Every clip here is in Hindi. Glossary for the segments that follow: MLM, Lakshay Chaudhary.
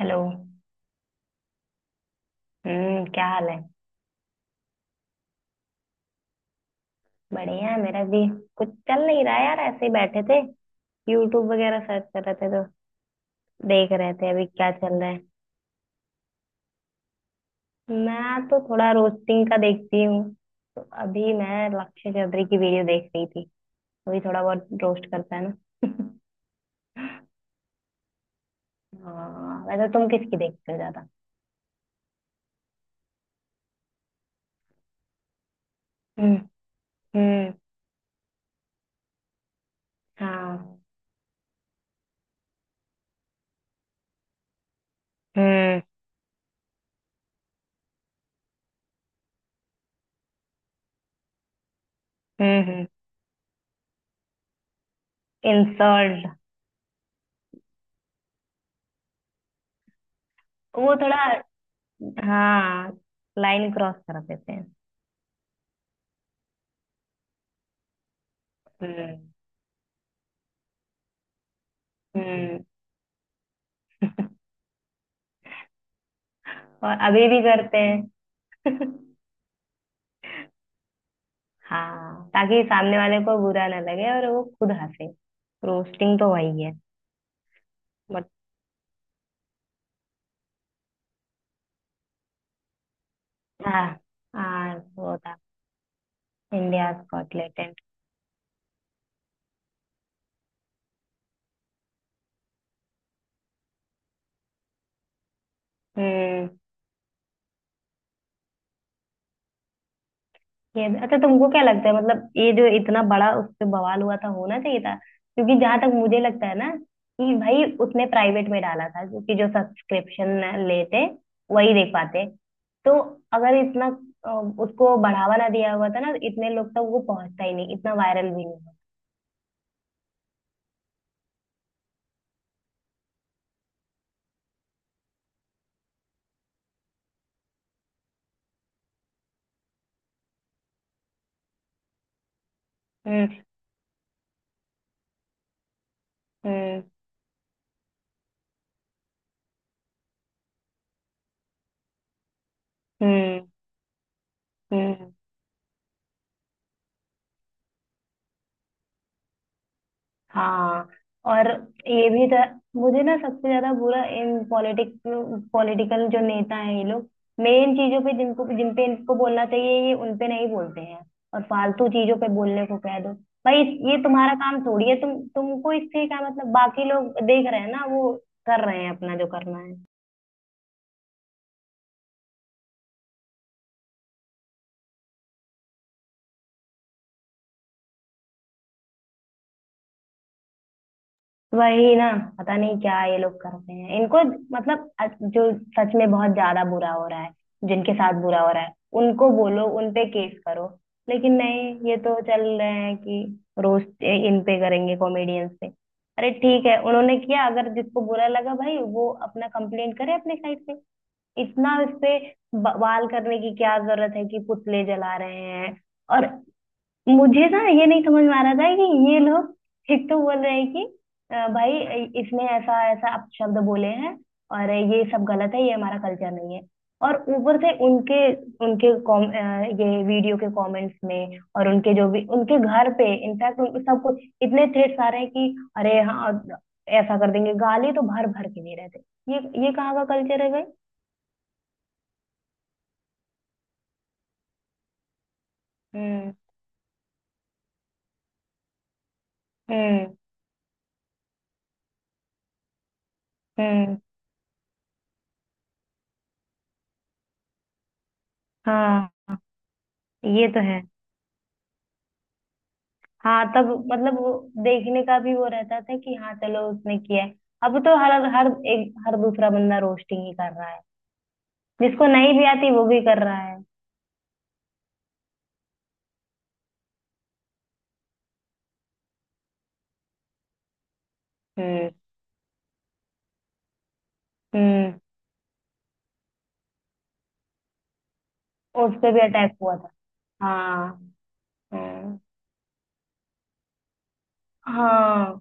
हेलो। हम्म, क्या हाल है? बढ़िया है मेरा भी। कुछ चल नहीं रहा यार, ऐसे ही बैठे थे। यूट्यूब वगैरह सर्च कर रहे थे, तो देख रहे थे अभी क्या चल रहा है। मैं तो थोड़ा रोस्टिंग का देखती हूँ, तो अभी मैं लक्ष्य चौधरी की वीडियो देख रही थी। वही थोड़ा बहुत रोस्ट करता है ना। हाँ, वैसे तुम किसकी देखते हो ज्यादा? हम्म। हम्म। हाँ। हम्म। हम्म। हम्म। इंसल्ट। वो थोड़ा, हाँ, लाइन क्रॉस कर देते हैं। हम्म। हम्म। और अभी भी करते हैं। हाँ, ताकि सामने वाले को बुरा ना लगे और वो खुद हंसे। रोस्टिंग तो वही है। बट हाँ। हाँ, वो था। India got latent. हम्म। ये अच्छा, तुमको क्या लगता है, मतलब ये जो इतना बड़ा उस पे बवाल हुआ था, होना चाहिए था? क्योंकि जहां तक मुझे लगता है ना, कि भाई उसने प्राइवेट में डाला था, क्योंकि जो सब्सक्रिप्शन लेते वही देख पाते। तो अगर इतना अ, उसको बढ़ावा ना दिया हुआ था, ना इतने लोग तक वो पहुंचता ही नहीं, इतना वायरल भी नहीं होता। हम्म। हम्म। हम्म। हम्म। हाँ, और ये भी था। मुझे ना सबसे ज्यादा बुरा इन पॉलिटिकल जो नेता हैं, ये लोग मेन चीजों पे, जिनको जिन पे इनको बोलना चाहिए, ये उन पे नहीं बोलते हैं। और फालतू चीजों पे बोलने को कह दो। भाई ये तुम्हारा काम थोड़ी है, तुमको इससे क्या मतलब? बाकी लोग देख रहे हैं ना, वो कर रहे हैं अपना जो करना है। वही ना। पता नहीं क्या ये लोग करते हैं, इनको मतलब जो सच में बहुत ज्यादा बुरा हो रहा है, जिनके साथ बुरा हो रहा है, उनको बोलो, उन पे केस करो। लेकिन नहीं, ये तो चल रहे हैं कि रोज इन पे करेंगे, कॉमेडियंस पे। अरे ठीक है, उन्होंने किया, अगर जिसको बुरा लगा भाई वो अपना कंप्लेंट करे अपने साइड से। इतना इस पे बवाल करने की क्या जरूरत है कि पुतले जला रहे हैं? और मुझे ना ये नहीं समझ में आ रहा था कि ये लोग एक तो बोल रहे हैं कि भाई इसने ऐसा ऐसा अपशब्द बोले हैं और ये सब गलत है, ये हमारा कल्चर नहीं है। और ऊपर से उनके उनके ये वीडियो के कमेंट्स में और उनके जो भी उनके घर पे, इनफैक्ट सब कुछ इतने थ्रेट्स आ रहे हैं कि अरे हाँ ऐसा कर देंगे, गाली तो भर भर के दे रहे थे। ये ये कहाँ का कल्चर है भाई? हम्म। हम्म। हम्म। हाँ ये तो है। हाँ तब मतलब वो देखने का भी वो रहता था कि हाँ चलो उसने किया है। अब तो हर हर एक हर दूसरा बंदा रोस्टिंग ही कर रहा है, जिसको नहीं भी आती वो भी कर रहा है। हम्म। हम्म। उस पे भी अटैक हुआ था। हाँ। हम्म। हाँ।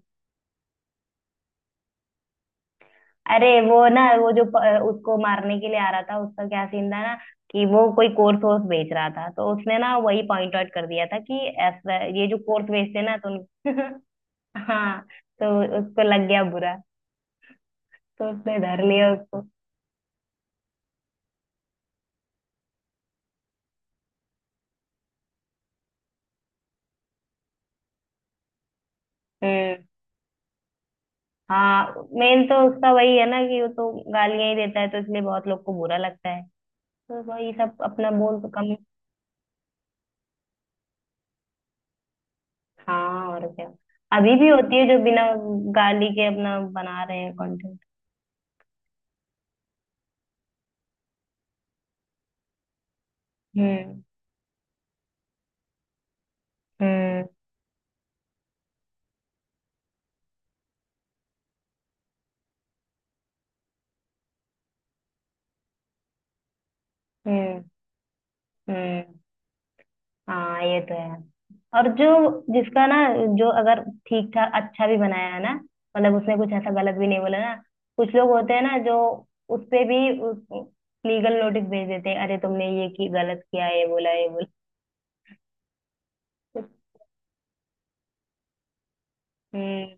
अरे वो ना, वो जो उसको मारने के लिए आ रहा था, उसका क्या सीन था ना, कि वो कोई कोर्स वोर्स बेच रहा था, तो उसने ना वही पॉइंट आउट कर दिया था कि ऐसा ये जो कोर्स बेचते हैं ना तो उन, हाँ, तो उसको लग गया बुरा, तो उसने धर लिया उसको। हम्म। हाँ, मेन तो उसका वही है ना कि वो तो गालियां ही देता है, तो इसलिए बहुत लोग को बुरा लगता है। तो वही सब अपना बोल तो कम। हाँ और क्या। अभी भी होती है जो बिना गाली के अपना बना रहे हैं कंटेंट। हम्म। हम्म। हम्म। हम्म। हाँ ये तो है। और जो, जिसका ना, जो अगर ठीक ठाक अच्छा भी बनाया है ना, मतलब उसने कुछ ऐसा गलत भी नहीं बोला ना, कुछ लोग होते हैं ना जो उस पे भी लीगल नोटिस भेज देते हैं, अरे तुमने ये की गलत किया, ये बोला, ये बोला। हम्म।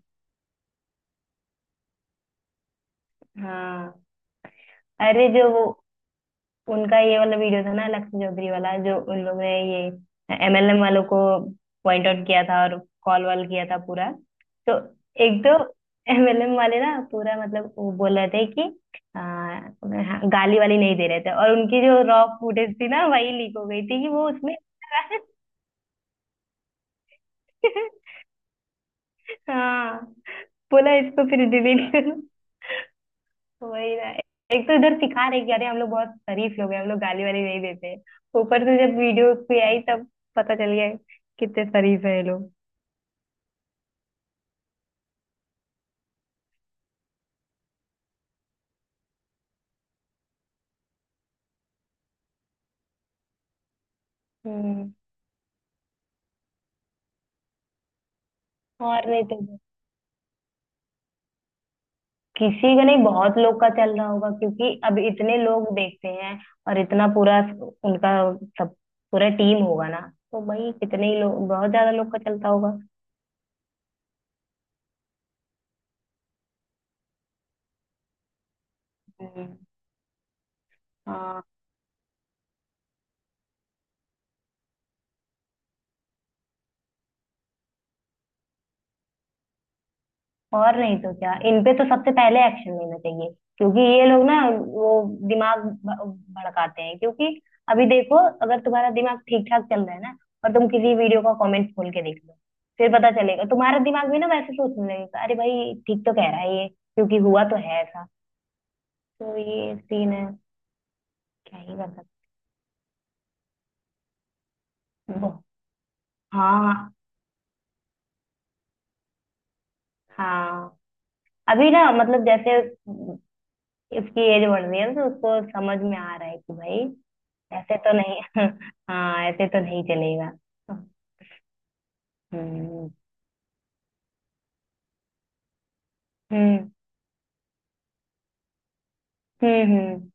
हाँ। अरे जो वो उनका ये वाला वीडियो था ना, लक्ष्य चौधरी वाला, जो उन लोग ने ये एमएलएम वालों को पॉइंट आउट किया था और कॉल वॉल किया था पूरा। तो एक तो एमएलएम वाले ना पूरा मतलब वो बोल रहे थे कि हाँ, गाली वाली नहीं दे रहे थे, और उनकी जो रॉ फुटेज थी ना वही लीक हो गई थी कि वो उसमें हाँ, बोला इसको फिर डिलीट करो। वही ना, एक तो इधर सिखा रहे कि अरे हम लोग बहुत शरीफ लोग हैं, हम लोग गाली वाली नहीं देते, ऊपर से जब वीडियो पे आई तब पता चल गया कितने शरीफ है ये लोग। हम्म। और नहीं तो क्या। किसी का नहीं, बहुत लोग का चल रहा होगा, क्योंकि अब इतने लोग देखते हैं और इतना पूरा उनका सब, पूरा टीम होगा ना, तो भाई कितने ही लोग, बहुत ज्यादा लोग का चलता होगा। हम्म। और नहीं तो क्या, इन पे तो सबसे पहले एक्शन लेना चाहिए, क्योंकि ये लोग ना वो दिमाग भड़काते हैं, क्योंकि अभी देखो, अगर तुम्हारा दिमाग ठीक ठाक चल रहा है ना, और तुम किसी वीडियो का कमेंट खोल के देख लो, फिर पता चलेगा तुम्हारा दिमाग भी ना वैसे सोचने लगेगा, अरे भाई ठीक तो कह रहा है ये, क्योंकि हुआ तो है ऐसा। तो ये सीन है। क्या ही कर सकते हैं। हाँ। हाँ। अभी ना मतलब जैसे इसकी एज बढ़ रही है, तो उसको समझ में आ रहा है कि भाई ऐसे तो नहीं, हाँ ऐसे तो नहीं चलेगा। हम्म। हम्म। हम्म।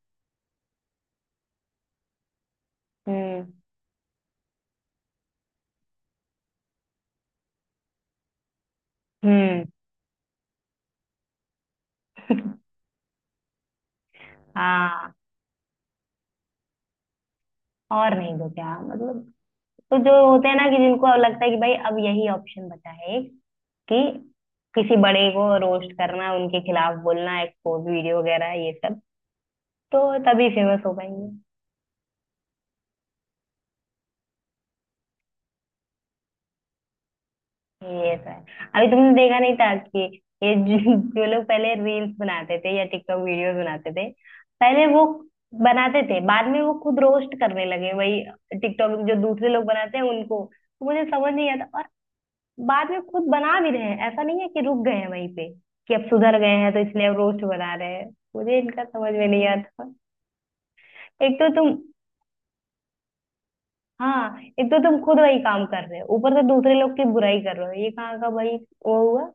हम्म। हम्म। हाँ और नहीं तो क्या मतलब। तो जो होते हैं ना कि जिनको अब लगता है कि भाई अब यही ऑप्शन बचा है एक, कि किसी बड़े को रोस्ट करना, उनके खिलाफ बोलना, एक्सपोज वीडियो वगैरह, ये सब, तो तभी फेमस हो पाएंगे। ये तो है। अभी तुमने देखा नहीं था कि ये जो जो लोग पहले रील्स बनाते थे या टिकटॉक वीडियोस बनाते थे, पहले वो बनाते थे, बाद में वो खुद रोस्ट करने लगे, वही टिकटॉक जो दूसरे लोग बनाते हैं उनको। तो मुझे समझ नहीं आता, और बाद में खुद बना भी रहे हैं, ऐसा नहीं है कि रुक गए हैं वहीं पे कि अब सुधर गए हैं तो इसलिए अब रोस्ट बना रहे हैं। मुझे इनका समझ में नहीं आता। एक तो तुम हाँ, एक तो तुम खुद वही काम कर रहे हो, ऊपर से दूसरे लोग की बुराई कर रहे हो, ये कहाँ का भाई वो हुआ।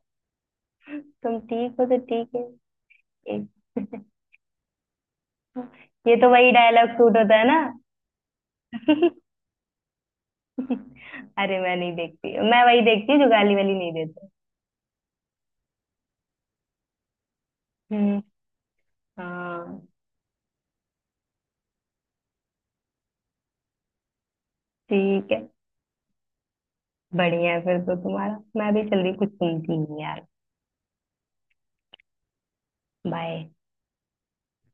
तुम ठीक हो तो ठीक है। एक ये तो वही डायलॉग सूट होता है ना। अरे मैं नहीं देखती, मैं वही देखती हूँ जो गाली वाली नहीं देते। हम्म। हाँ ठीक है। बढ़िया है फिर तो तुम्हारा। मैं भी चल रही हूँ, कुछ सुनती हूँ यार। बाय।